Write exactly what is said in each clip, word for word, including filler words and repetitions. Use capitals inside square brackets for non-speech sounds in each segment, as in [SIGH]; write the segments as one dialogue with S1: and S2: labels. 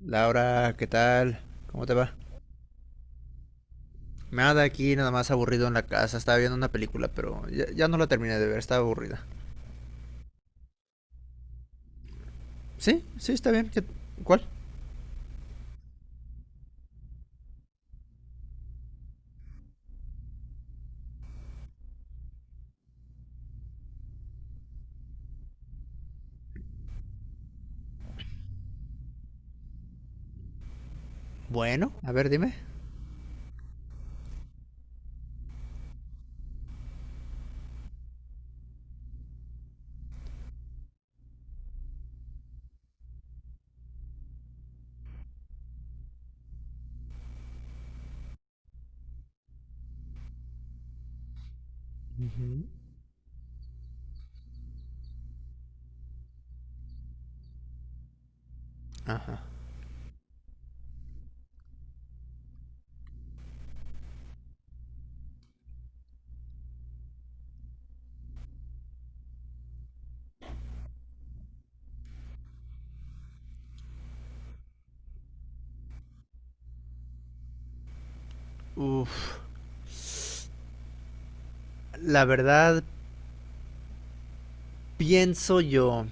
S1: Laura, ¿qué tal? ¿Cómo te va? Nada, aquí nada más aburrido en la casa. Estaba viendo una película, pero ya, ya no la terminé de ver, estaba aburrida. Sí, sí, está bien. ¿Qué- ¿Cuál? Bueno, a ver, dime. Ujú. Ajá. Uf, la verdad, pienso yo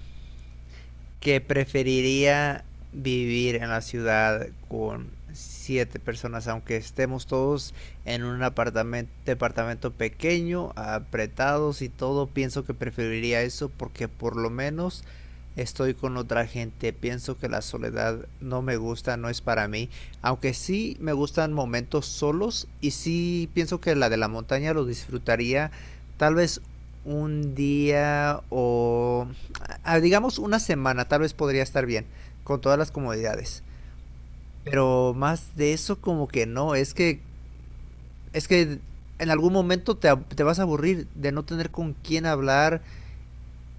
S1: que preferiría vivir en la ciudad con siete personas, aunque estemos todos en un apartamento, departamento pequeño, apretados y todo, pienso que preferiría eso porque por lo menos estoy con otra gente. Pienso que la soledad no me gusta, no es para mí, aunque sí me gustan momentos solos y sí pienso que la de la montaña lo disfrutaría tal vez un día o a- digamos una semana, tal vez podría estar bien, con todas las comodidades. Pero más de eso como que no, es que, es que en algún momento te, te vas a aburrir de no tener con quién hablar.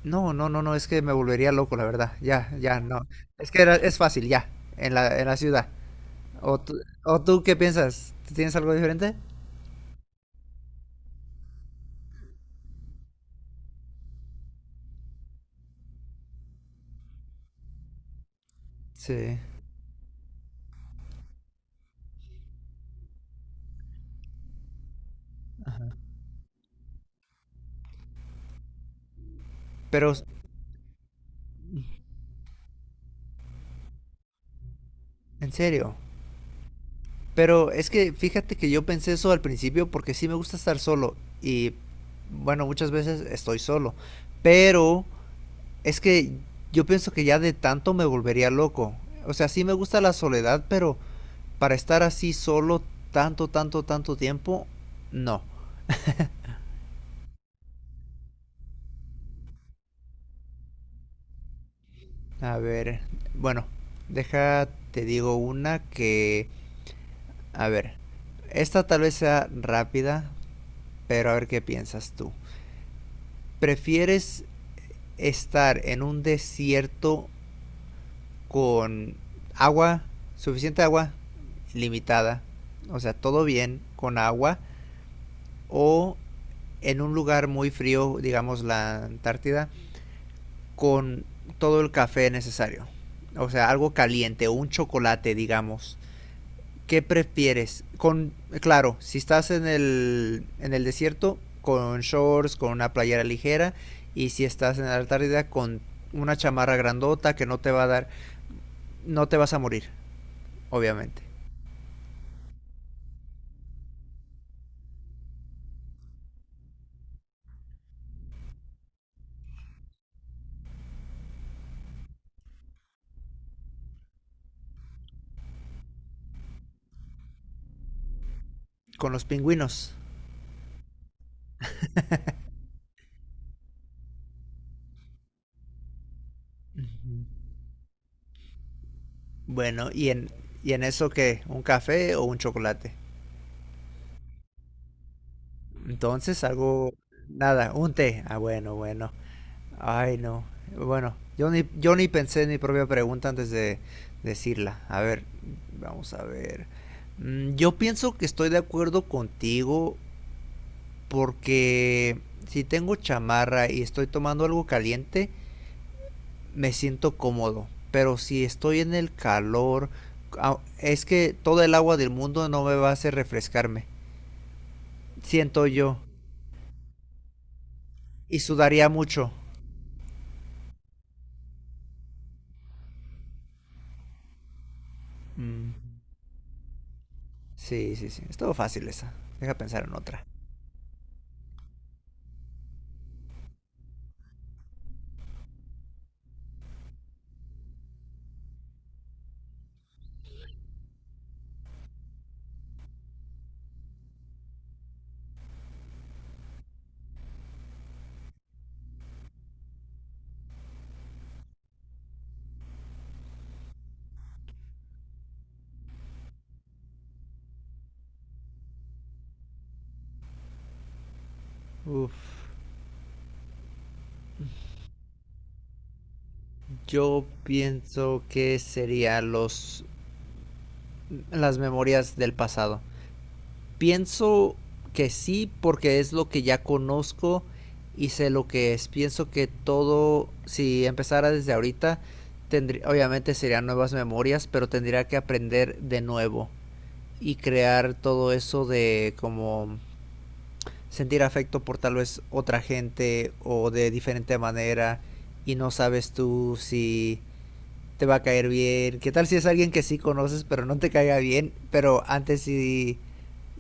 S1: No, no, no, no, es que me volvería loco, la verdad. Ya, ya, no. Es que era- es fácil, ya, en la, en la ciudad. ¿O tú, ¿O tú qué piensas? ¿Tienes algo diferente? Sí. Pero, ¿en serio? Pero es que fíjate que yo pensé eso al principio porque sí me gusta estar solo y bueno, muchas veces estoy solo, pero es que yo pienso que ya de tanto me volvería loco. O sea, sí me gusta la soledad, pero para estar así solo tanto, tanto, tanto tiempo, no. A ver, bueno, deja, te digo una que, a ver, esta tal vez sea rápida, pero a ver qué piensas tú. ¿Prefieres estar en un desierto con agua, suficiente agua, limitada, o sea, todo bien con agua, o en un lugar muy frío, digamos la Antártida, con todo el café necesario, o sea, algo caliente, o un chocolate, digamos? ¿Qué prefieres? Con, claro, si estás en el, en el desierto, con shorts, con una playera ligera, y si estás en la Antártida, con una chamarra grandota que no te va a dar no te vas a morir, obviamente. Con los pingüinos. Uh-huh. Bueno, y en, y en eso qué, un café o un chocolate. Entonces algo, nada, un té. Ah, bueno, bueno. Ay, no. Bueno, yo ni, yo ni pensé en mi propia pregunta antes de decirla. A ver, vamos a ver. Mm, yo pienso que estoy de acuerdo contigo porque si tengo chamarra y estoy tomando algo caliente, me siento cómodo. Pero si estoy en el calor, ah, es que todo el agua del mundo no me va a hacer refrescarme. Siento yo. Y sudaría mucho. Mm, sí, sí, sí. Estuvo fácil esa. Deja pensar en otra. Uf, yo pienso que serían los las memorias del pasado. Pienso que sí, porque es lo que ya conozco y sé lo que es. Pienso que todo, si empezara desde ahorita, tendría, obviamente serían nuevas memorias, pero tendría que aprender de nuevo y crear todo eso de como sentir afecto por tal vez otra gente o de diferente manera y no sabes tú si te va a caer bien. ¿Qué tal si es alguien que sí conoces pero no te caiga bien, pero antes sí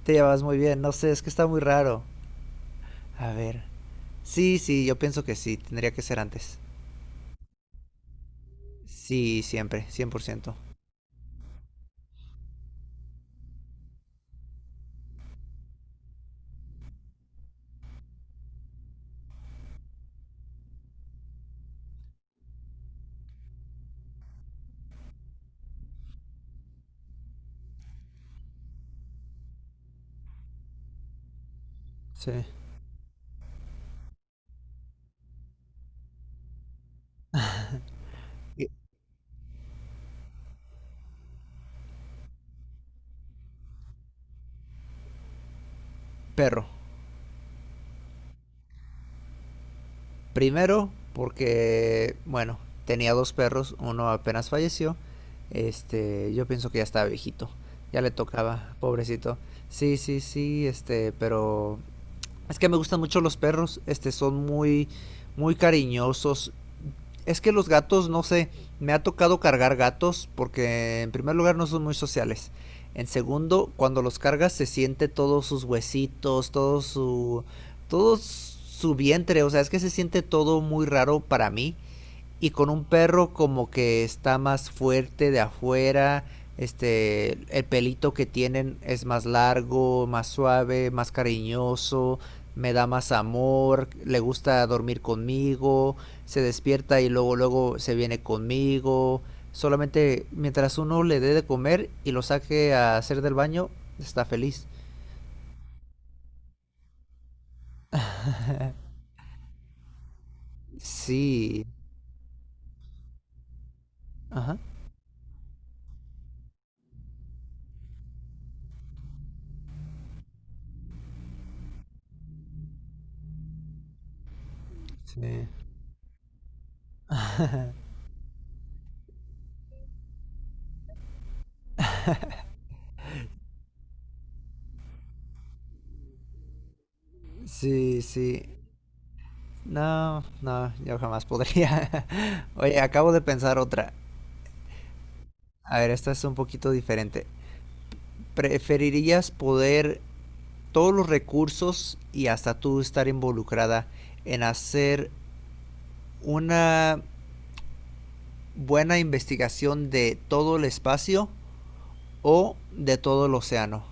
S1: te llevas muy bien? No sé, es que está muy raro. A ver. Sí, sí, yo pienso que sí, tendría que ser antes. Sí, siempre, cien por ciento. Sí. Y- Perro. Primero, porque, bueno, tenía dos perros, uno apenas falleció. Este, yo pienso que ya estaba viejito. Ya le tocaba, pobrecito. Sí, sí, sí, este, pero es que me gustan mucho los perros, este, son muy, muy cariñosos. Es que los gatos, no sé, me ha tocado cargar gatos porque en primer lugar no son muy sociales. En segundo, cuando los cargas se siente todos sus huesitos, todo su todo su vientre, o sea, es que se siente todo muy raro para mí y con un perro como que está más fuerte de afuera, este, el pelito que tienen es más largo, más suave, más cariñoso, me da más amor, le gusta dormir conmigo, se despierta y luego luego se viene conmigo. Solamente mientras uno le dé de comer y lo saque a hacer del baño, está feliz. Sí. Ajá. Sí. Sí, sí. No, no, yo jamás podría. [LAUGHS] Oye, acabo de pensar otra. A ver, esta es un poquito diferente. ¿Preferirías poder todos los recursos y hasta tú estar involucrada en hacer una buena investigación de todo el espacio o de todo el océano?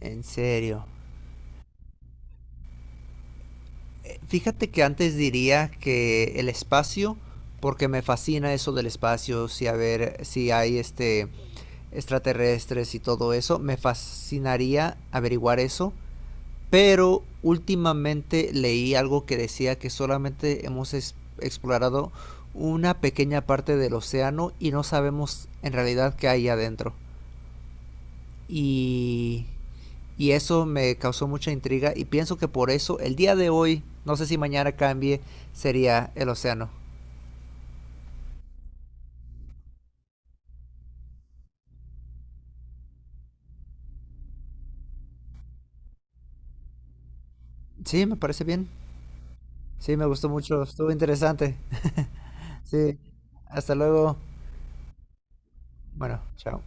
S1: ¿En serio? Eh, Fíjate que antes diría que el espacio, porque me fascina eso del espacio, si a ver, si hay este extraterrestres y todo eso. Me fascinaría averiguar eso. Pero últimamente leí algo que decía que solamente hemos es- explorado una pequeña parte del océano y no sabemos en realidad qué hay adentro. Y, y eso me causó mucha intriga y pienso que por eso el día de hoy, no sé si mañana cambie, sería el océano. Sí, me parece bien. Sí, me gustó mucho, estuvo interesante. [LAUGHS] Sí, hasta luego. Bueno, chao.